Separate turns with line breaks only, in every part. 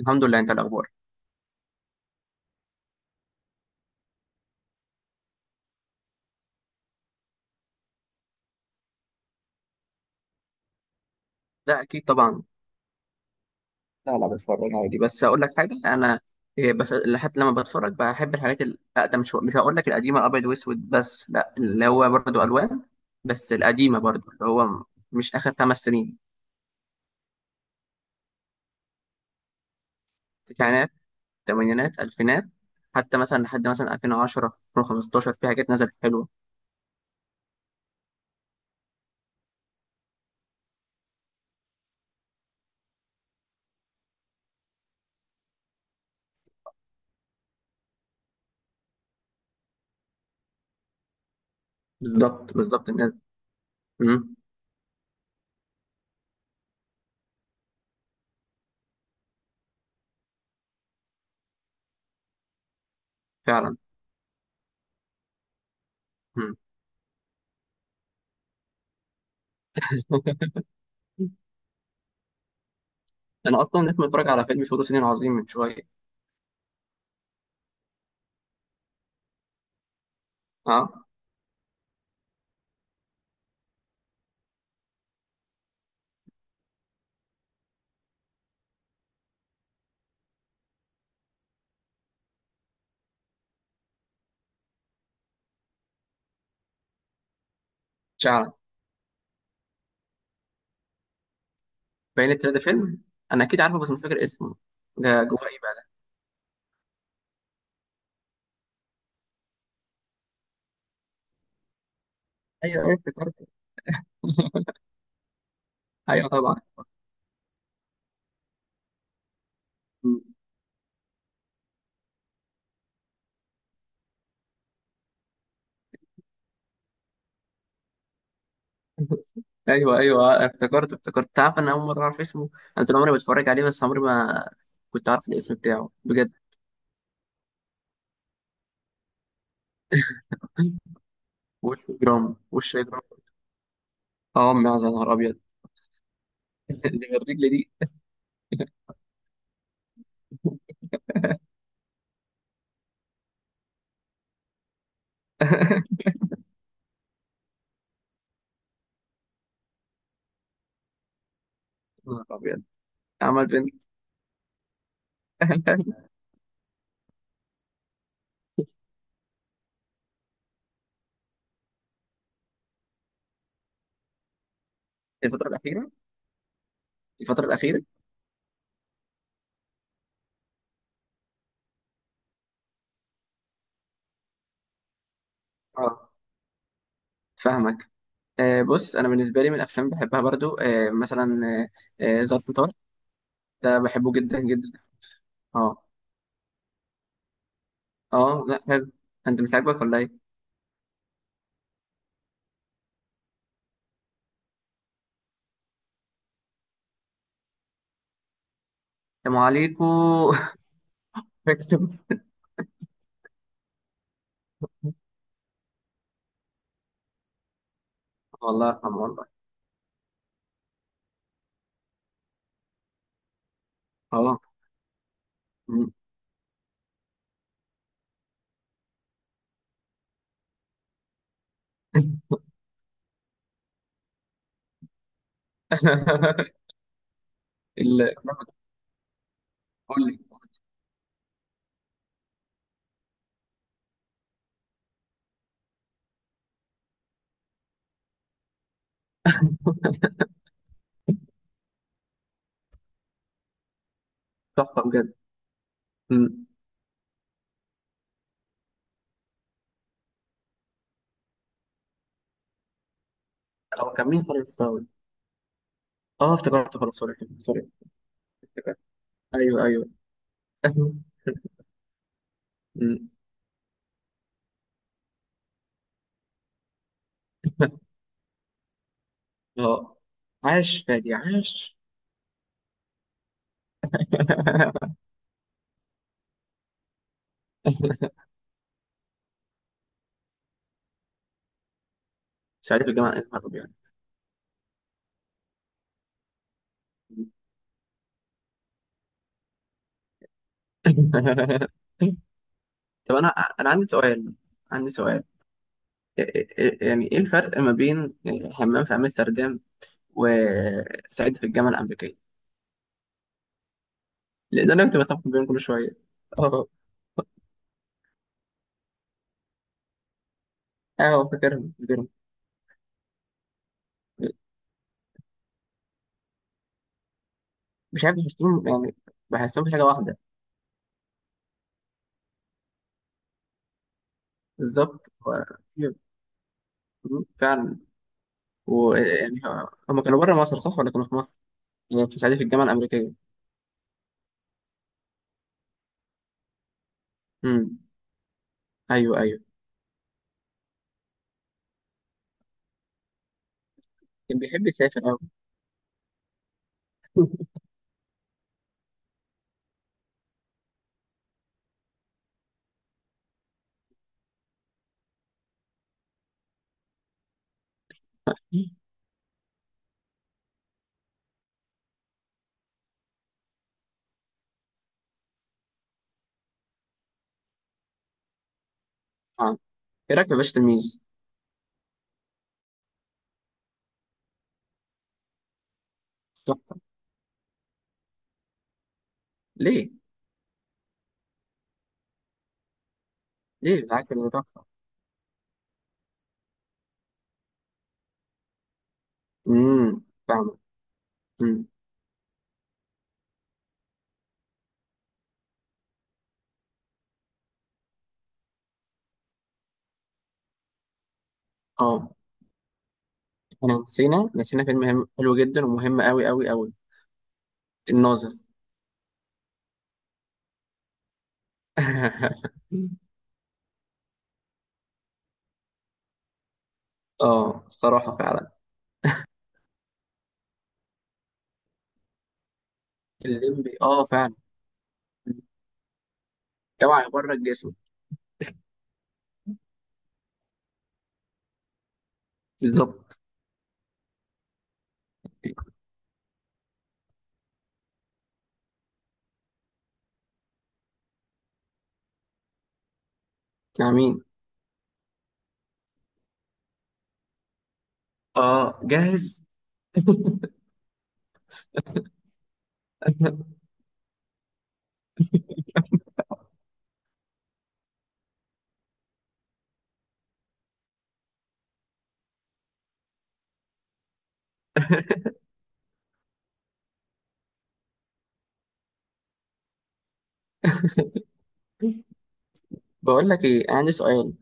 الحمد لله، انت إيه الاخبار؟ لا اكيد طبعا. لا لا بتفرج عادي، بس اقول لك حاجه. انا لحد لما بتفرج بحب الحاجات الاقدم شويه. مش هقول لك القديمه ابيض واسود، بس لا اللي هو برضه الوان. بس القديمه برضه مش اخر خمس سنين. تسعينات، ثمانينات، الفينات. حتى مثلا لحد مثلا 2010، 2015 في حاجات نزلت حلوه. بالظبط بالظبط الناس. امم فعلا. امم انا اصلا لسه متفرج على فيلم فول الصين العظيم من شويه. اه باين التلاتة فيلم. انا اكيد عارفه بس مش فاكر اسمه. ده جواه ايه بقى ده؟ ايوه ايوه افتكرته. ايوه طبعا. ايوه ايوه افتكرته، افتكرت. تعرف انا اول مره اعرف اسمه؟ انا طول عمري بتفرج عليه بس عمري ما كنت عارف الاسم بتاعه بجد. وش جرام، وش جرام. اه أمي عايز، يا نهار ابيض. دي الرجل دي. يا نهار ابيض. عمل فين؟ الفتره الاخيره. الفتره الاخيره. اه، فاهمك. آه بص انا بالنسبه لي من الافلام بحبها برضو آه مثلا ظرف طارق. ده بحبه جدا جدا. اه. اه لا حلو. انت مش عاجبك ولا ايه؟ يا ام عليكو. فاكر؟ الله يرحمه والله. اه. مم. ال- قول لي. تحفه بجد. مم. هو كان مين خالد الصاوي؟ اه افتكرت خلاص، سوري سوري. افتكرت. ايوه ايوه. مم. اه. عاش فادي عاش. سعيد في الجامعه، إيه الهرب يعني. طب انا، انا عندي سؤال. عندي سؤال. إيه- إيه- يعني ايه الفرق ما بين حمام في امستردام وسعيد في الجامعة الأمريكية؟ لأن أنا كنت بتفق بينهم كل شوية. أه. أه فاكرهم فاكرهم. مش عارف بحسهم يعني، بحسهم حاجة واحدة. بالظبط هو- مم. فعلا. ويعني هم كانوا بره مصر صح ولا كانوا في مصر؟ يعني في سعيد في الجامعة الأمريكية. امم، أيوه أيوه. كان بيحب يسافر أوي. آه. إيه رأيك في باشا تلميذ؟ تحفة. ليه؟ ليه بالعكس ده تحفة. امم، فاهمة. امم. أه. إحنا نسينا نسينا فيلم مهم- حلو جدا ومهم أوي أوي أوي، الناظر. اه الصراحة فعلا. الليمبي اه فعلا. جمع يبرد جسمه. بالظبط. امين. اه جاهز. بقول لك ايه، عندي سؤال.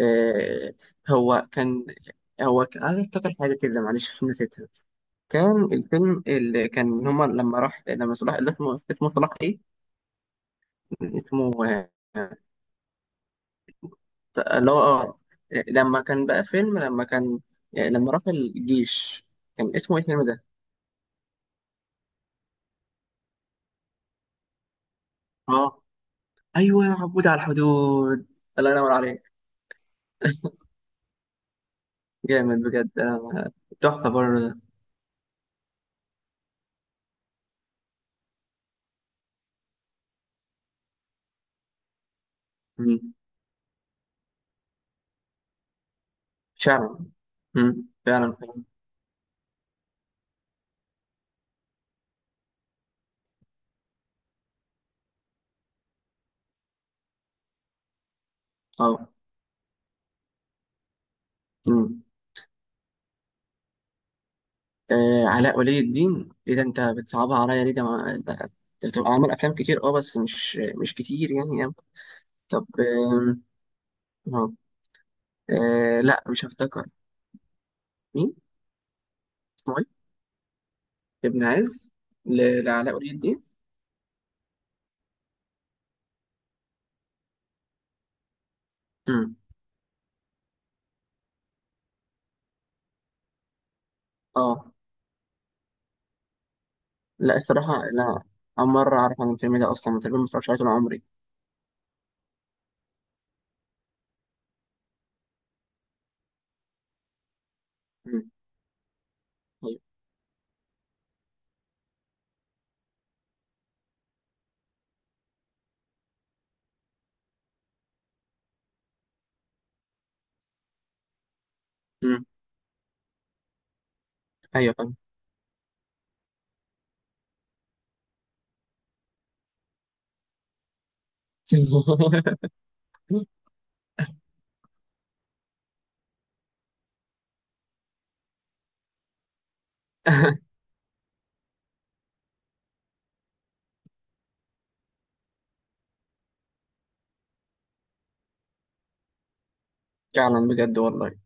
آه. هو كان هو كان عايز افتكر حاجه كده، معلش عشان نسيتها. كان الفيلم اللي كان هما لما راح، لما صلاح، اللي اسمه اسمه صلاح ايه، اسمه آه، اللي هو اه لما كان بقى فيلم لما كان، لما راح الجيش، كان اسمه ايه الفيلم ده؟ اه. ايوه عبود على الحدود. الله ينور عليك. جامد بجد آه، تحفه برضه. مم. شعر. مم. فعلا فعلا. اه. مم. آه، علاء ولي الدين، ايه ده انت بتصعبها عليا ليه؟ ده ما- ده- ده بتبقى عامل افلام كتير اه، بس مش مش كتير يعني يعني. طب. آم. آه. آه، لا مش هفتكر. مين؟ اسمه ايه؟ ابن عز؟ لعلاء ولي الدين؟ مم. اه. لا الصراحه لا، اول مره اعرف عن الفيلم ده اصلا، تقريبا ما اتفرجتش عليه طول عمري. مم. ايوه. مم. ايوه. فعلا بجد والله.